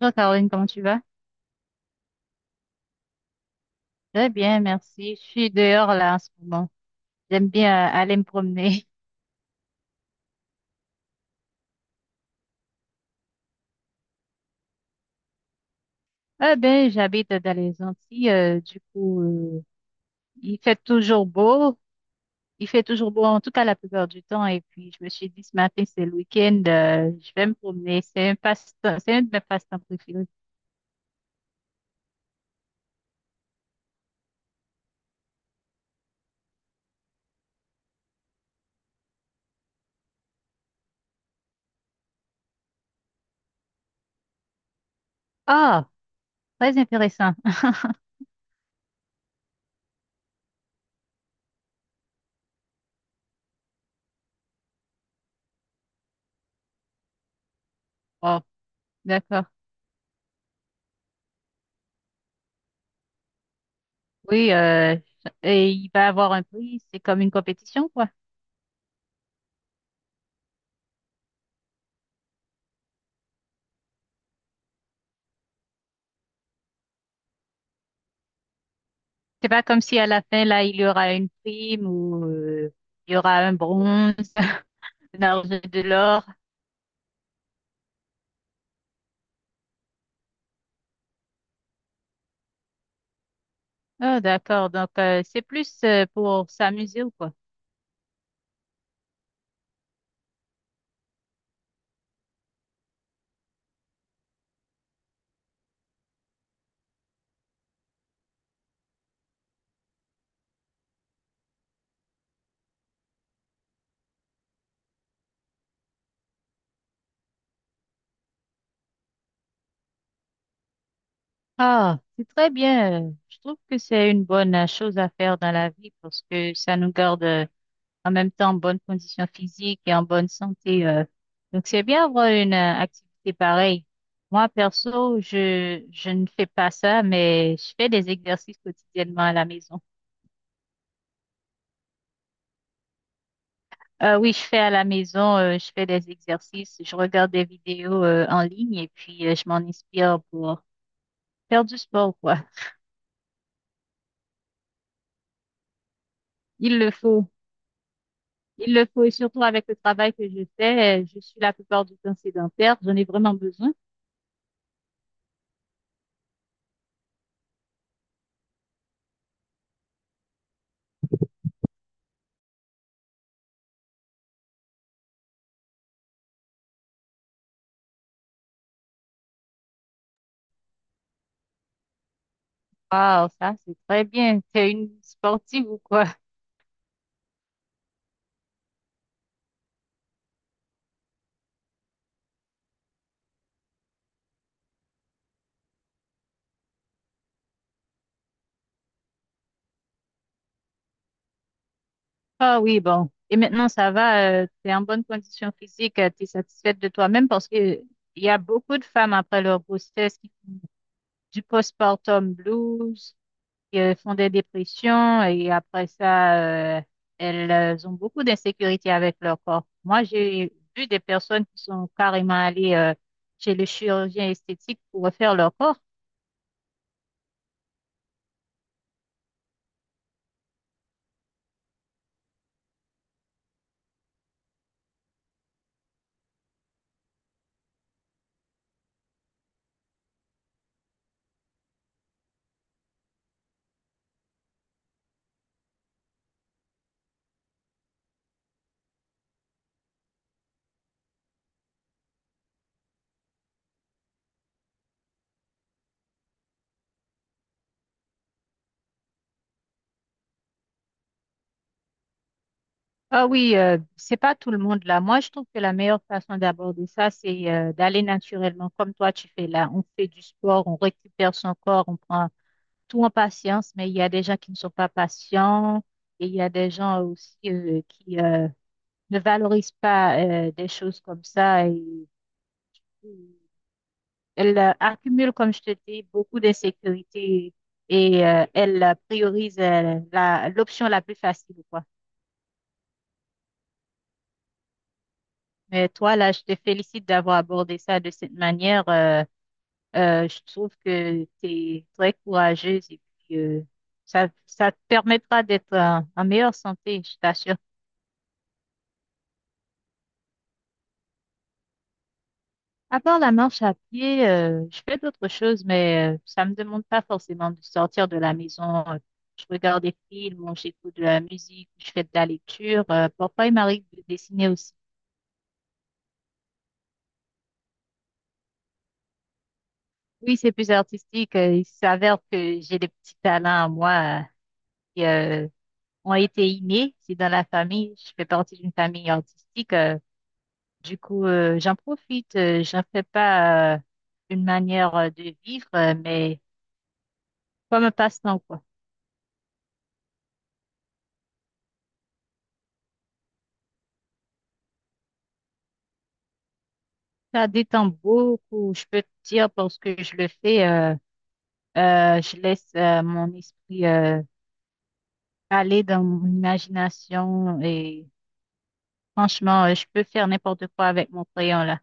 Bonjour Caroline, comment tu vas? Très bien, merci. Je suis dehors là en ce moment. J'aime bien aller me promener. Ah ben, j'habite dans les Antilles, du coup, il fait toujours beau. Il fait toujours beau, en tout cas la plupart du temps. Et puis, je me suis dit ce matin, c'est le week-end, je vais me promener. C'est un passe-temps, c'est un de mes passe-temps préférés. Ah, très intéressant. Oh, d'accord. Oui, et il va avoir un prix. C'est comme une compétition, quoi. C'est pas comme si à la fin, là, il y aura une prime ou il y aura un bronze, un argent, de l'or. Ah, d'accord. Donc, c'est plus pour s'amuser ou quoi? Ah, c'est très bien. Je trouve que c'est une bonne chose à faire dans la vie parce que ça nous garde en même temps en bonne condition physique et en bonne santé. Donc, c'est bien avoir une activité pareille. Moi, perso, je ne fais pas ça, mais je fais des exercices quotidiennement à la maison. Oui, je fais à la maison, je fais des exercices, je regarde des vidéos en ligne et puis je m'en inspire pour faire du sport, quoi. Il le faut. Il le faut et surtout avec le travail que je fais, je suis la plupart du temps sédentaire, j'en ai vraiment besoin. Waouh, ça, c'est très bien. T'es une sportive ou quoi? Ah oui, bon. Et maintenant, ça va, tu t'es en bonne condition physique, t'es satisfaite de toi-même parce que il y a beaucoup de femmes après leur grossesse qui font du postpartum blues, font des dépressions et après ça, elles ont beaucoup d'insécurité avec leur corps. Moi, j'ai vu des personnes qui sont carrément allées chez le chirurgien esthétique pour refaire leur corps. Ah oui, c'est pas tout le monde là. Moi, je trouve que la meilleure façon d'aborder ça, c'est d'aller naturellement comme toi tu fais là. On fait du sport, on récupère son corps, on prend tout en patience, mais il y a des gens qui ne sont pas patients et il y a des gens aussi qui ne valorise pas des choses comme ça. Et, elle accumule, comme je te dis, beaucoup d'insécurité et elle priorise la, l'option la plus facile, quoi. Mais toi, là, je te félicite d'avoir abordé ça de cette manière. Je trouve que tu es très courageuse et puis ça, ça te permettra d'être en en meilleure santé, je t'assure. À part la marche à pied, je fais d'autres choses, mais ça me demande pas forcément de sortir de la maison. Je regarde des films, ou j'écoute de la musique, ou je fais de la lecture. Parfois, il m'arrive de dessiner aussi. Oui, c'est plus artistique. Il s'avère que j'ai des petits talents à moi euh, qui ont été innés. C'est dans la famille. Je fais partie d'une famille artistique. Du coup, j'en profite. J'en fais pas une manière de vivre, mais comme un passe-temps, quoi. Ça détend beaucoup, je peux te dire, parce que je le fais, je laisse mon esprit aller dans mon imagination et franchement, je peux faire n'importe quoi avec mon crayon là.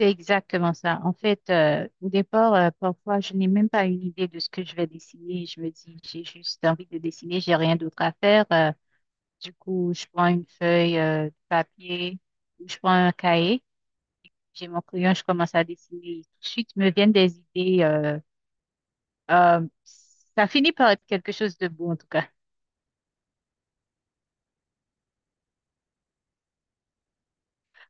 C'est exactement ça. En fait, au départ, parfois, je n'ai même pas une idée de ce que je vais dessiner. Je me dis, j'ai juste envie de dessiner, j'ai rien d'autre à faire. Du coup, je prends une feuille de papier ou je prends un cahier, j'ai mon crayon, je commence à dessiner. Tout de suite, me viennent des idées. Euh, ça finit par être quelque chose de beau en tout cas.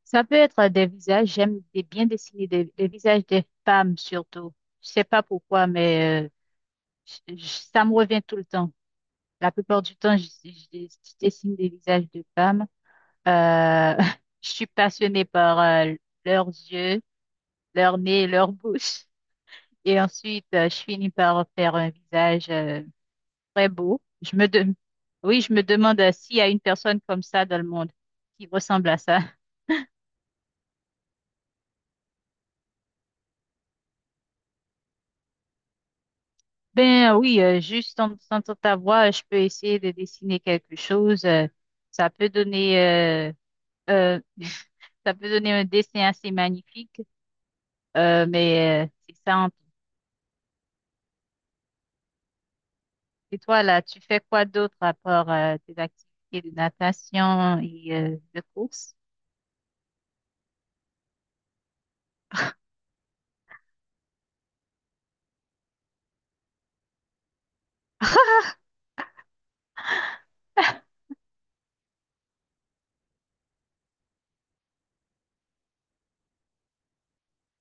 Ça peut être des visages, j'aime bien dessiner des visages des femmes surtout. Je sais pas pourquoi, mais je- je- ça me revient tout le temps. La plupart du temps, je dessine des visages de femmes. Euh, je suis passionnée par leurs yeux, leur nez, leur bouche. Et ensuite, je finis par faire un visage très beau. Oui, je me demande s'il y a une personne comme ça dans le monde qui ressemble à ça. Ben oui, juste en entendant ta voix, je peux essayer de dessiner quelque chose. Ça peut donner, euh, euh, ça peut donner un dessin assez magnifique. Mais c'est ça. En Et toi là, tu fais quoi d'autre à part tes activités de natation et de course?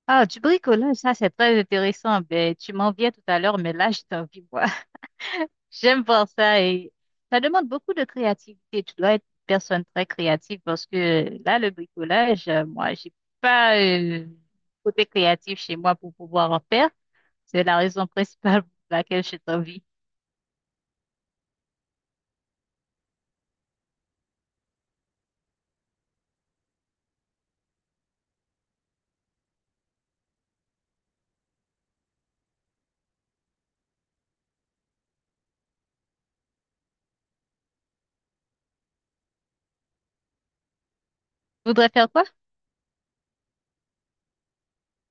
Ah, du bricolage, ça c'est très intéressant. Ben tu m'en viens tout à l'heure, mais là j'ai envie. J'aime voir ça et ça demande beaucoup de créativité. Tu dois être une personne très créative parce que là, le bricolage, moi, j'ai pas côté créatif chez moi pour pouvoir en faire. C'est la raison principale pour laquelle j'ai envie. Tu voudrais faire quoi?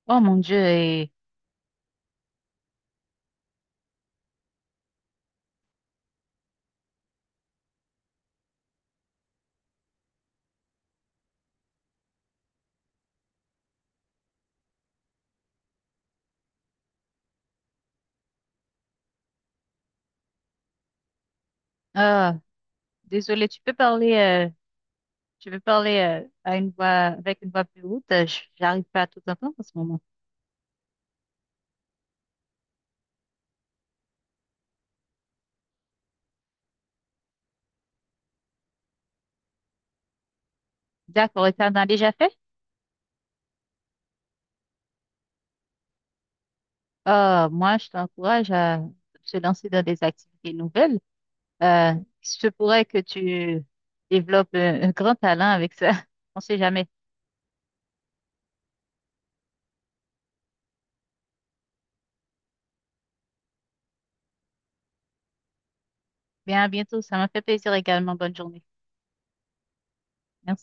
Oh mon Dieu. Et... Ah, désolée, tu veux parler à une voix, avec une voix plus haute. J'arrive pas à tout entendre en ce moment. D'accord, et t'en as déjà fait? Ah, moi, je t'encourage à se lancer dans des activités nouvelles. Il se pourrait que tu développes un grand talent avec ça. On sait jamais. Bien, à bientôt. Ça m'a fait plaisir également. Bonne journée. Merci.